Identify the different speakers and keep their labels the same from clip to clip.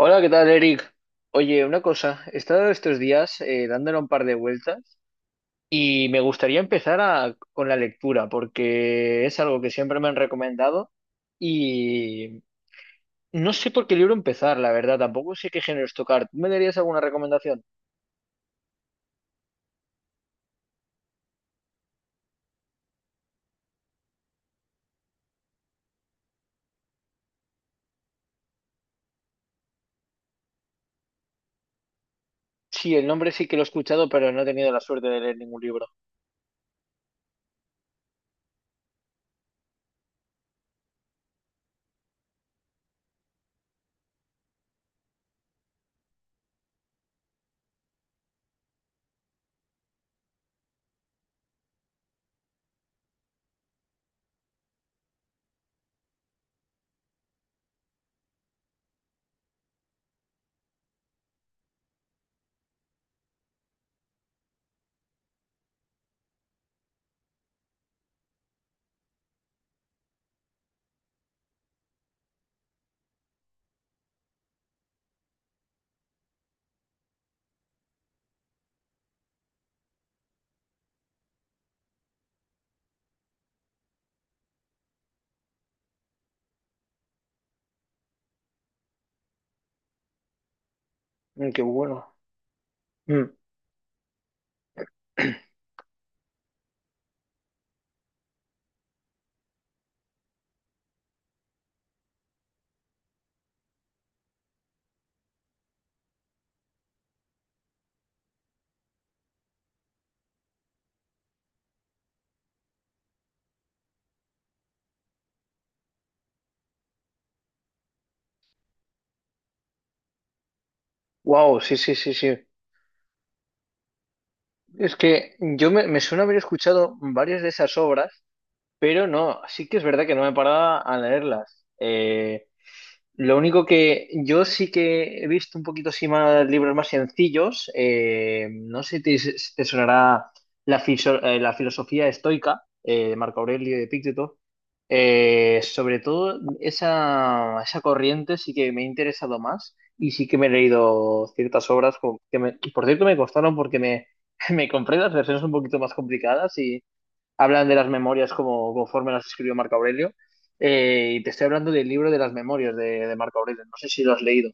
Speaker 1: Hola, ¿qué tal, Eric? Oye, una cosa, he estado estos días dándole un par de vueltas y me gustaría con la lectura porque es algo que siempre me han recomendado y no sé por qué libro empezar, la verdad, tampoco sé qué géneros tocar. ¿Tú me darías alguna recomendación? Sí, el nombre sí que lo he escuchado, pero no he tenido la suerte de leer ningún libro. Mm, qué bueno. Wow, sí, sí, sí, sí. Es que me suena haber escuchado varias de esas obras. Pero no, sí que es verdad que no me paraba a leerlas. Lo único que yo sí que he visto un poquito así más libros más sencillos. No sé si te sonará la filosofía estoica de Marco Aurelio y de Epicteto. Sobre todo esa corriente sí que me ha interesado más y sí que me he leído ciertas obras que, que por cierto, me costaron porque me compré las versiones un poquito más complicadas, hablan de las memorias como conforme las escribió Marco Aurelio. Y te estoy hablando del libro de las memorias de Marco Aurelio. No sé si lo has leído.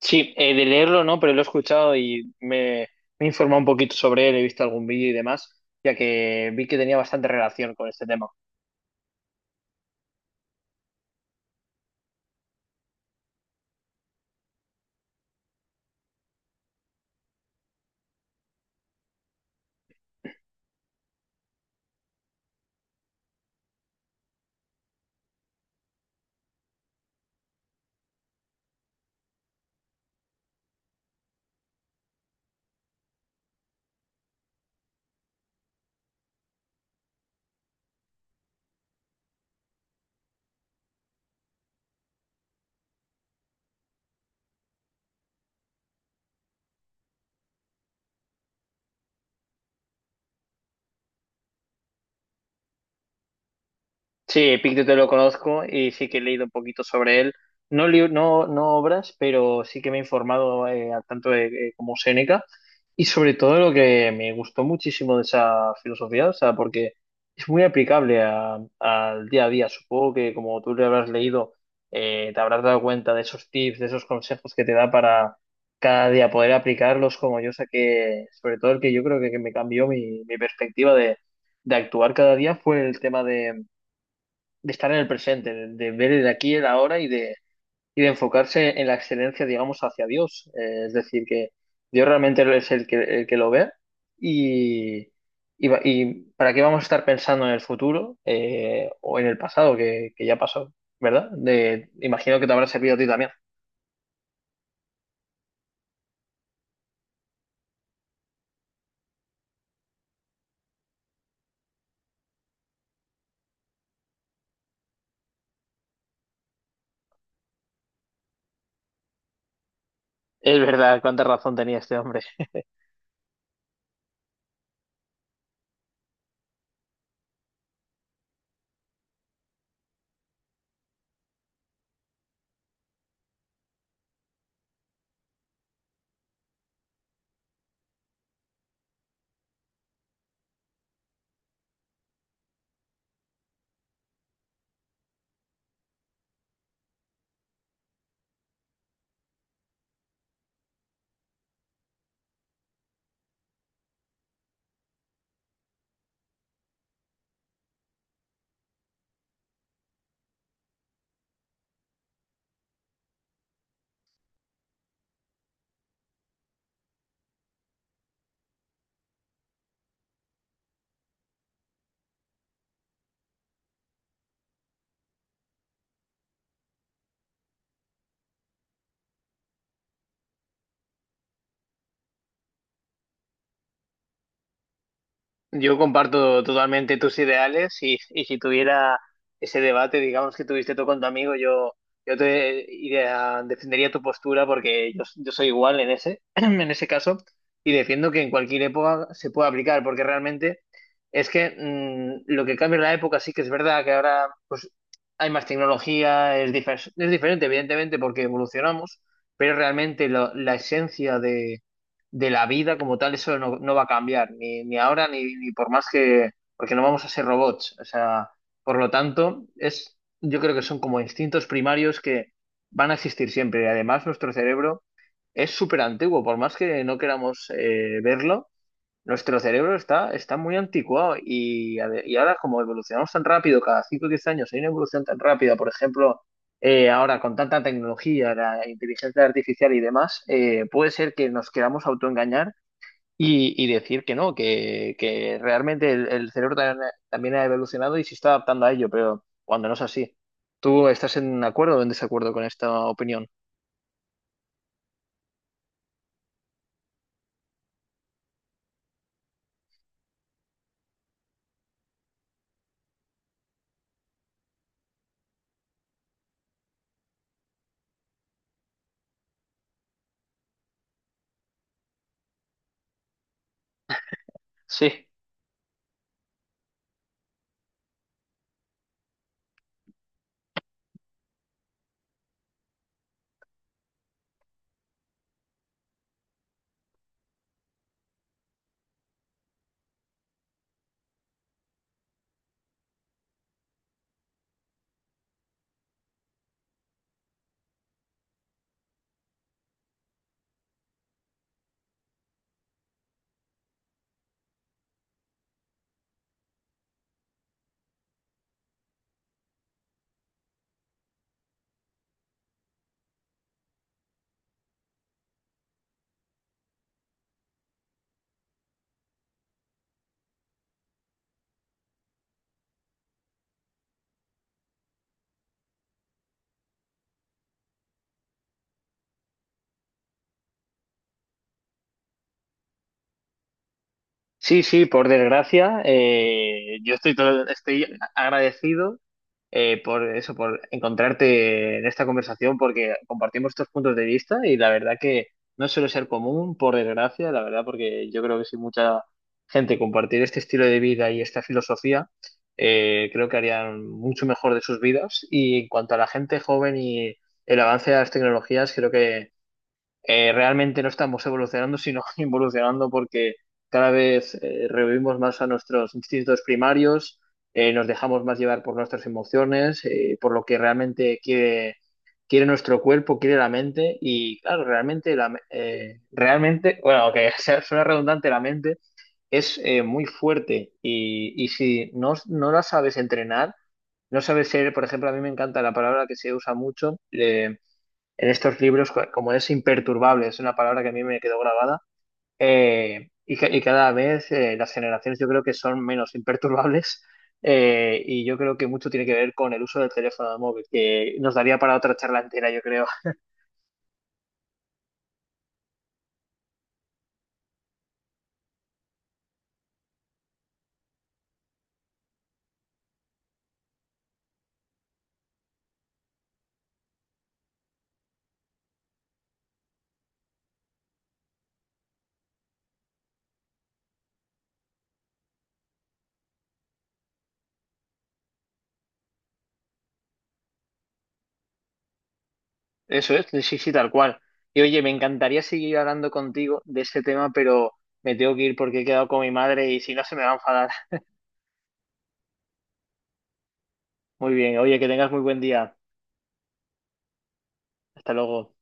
Speaker 1: Sí, de leerlo no, pero lo he escuchado y me he informado un poquito sobre él, he visto algún vídeo y demás, ya que vi que tenía bastante relación con este tema. Sí, Epicteto lo conozco y sí que he leído un poquito sobre él. No, no obras, pero sí que me he informado a tanto de, como Séneca. Y sobre todo lo que me gustó muchísimo de esa filosofía, o sea, porque es muy aplicable al día a día. Supongo que como tú le habrás leído, te habrás dado cuenta de esos tips, de esos consejos que te da para cada día poder aplicarlos como yo saqué, sobre todo el que yo creo que me cambió mi perspectiva de actuar cada día fue el tema de estar en el presente, de, ver el aquí y el ahora y de enfocarse en la excelencia, digamos, hacia Dios. Es decir, que Dios realmente es el que lo ve y, y, y para qué vamos a estar pensando en el futuro o en el pasado que ya pasó, ¿verdad? De, imagino que te habrá servido a ti también. Es verdad, cuánta razón tenía este hombre. Yo comparto totalmente tus ideales y si tuviera ese debate, digamos que tuviste tú con tu amigo, yo defendería tu postura porque yo soy igual en ese, en ese caso y defiendo que en cualquier época se puede aplicar porque realmente es que mm, lo que cambia en la época sí que es verdad que ahora pues, hay más tecnología, es, es diferente evidentemente porque evolucionamos, pero realmente la esencia de la vida como tal, eso no, no va a cambiar, ni, ni ahora ni, ni por más porque no vamos a ser robots. O sea, por lo tanto, es, yo creo que son como instintos primarios que van a existir siempre. Y además, nuestro cerebro es súper antiguo, por más que no queramos verlo, nuestro cerebro está muy anticuado. Y, a ver, y ahora, como evolucionamos tan rápido, cada 5 o 10 años hay una evolución tan rápida, por ejemplo, ahora con tanta tecnología, la inteligencia artificial y demás, puede ser que nos queramos autoengañar y decir que no, que realmente el cerebro también ha evolucionado y se está adaptando a ello, pero cuando no es así. ¿Tú estás en acuerdo o en desacuerdo con esta opinión? Sí, sí, sí, por desgracia, yo estoy, estoy agradecido por eso, por encontrarte en esta conversación, porque compartimos estos puntos de vista y la verdad que no suele ser común, por desgracia, la verdad, porque yo creo que si mucha gente compartir este estilo de vida y esta filosofía, creo que harían mucho mejor de sus vidas. Y en cuanto a la gente joven y el avance de las tecnologías, creo que realmente no estamos evolucionando, sino involucionando porque cada vez revivimos más a nuestros instintos primarios, nos dejamos más llevar por nuestras emociones, por lo que realmente quiere, quiere nuestro cuerpo, quiere la mente y claro, realmente, realmente, bueno, aunque sea, suena redundante, la mente es muy fuerte y si no, no la sabes entrenar, no sabes ser, por ejemplo, a mí me encanta la palabra que se usa mucho. En estos libros, como es imperturbable, es una palabra que a mí me quedó grabada, y, y cada vez las generaciones yo creo que son menos imperturbables, y yo creo que mucho tiene que ver con el uso del teléfono móvil, que nos daría para otra charla entera, yo creo. Eso es, sí, sí, tal cual. Y oye, me encantaría seguir hablando contigo de este tema, pero me tengo que ir porque he quedado con mi madre y si no se me va a enfadar. Muy bien, oye, que tengas muy buen día. Hasta luego.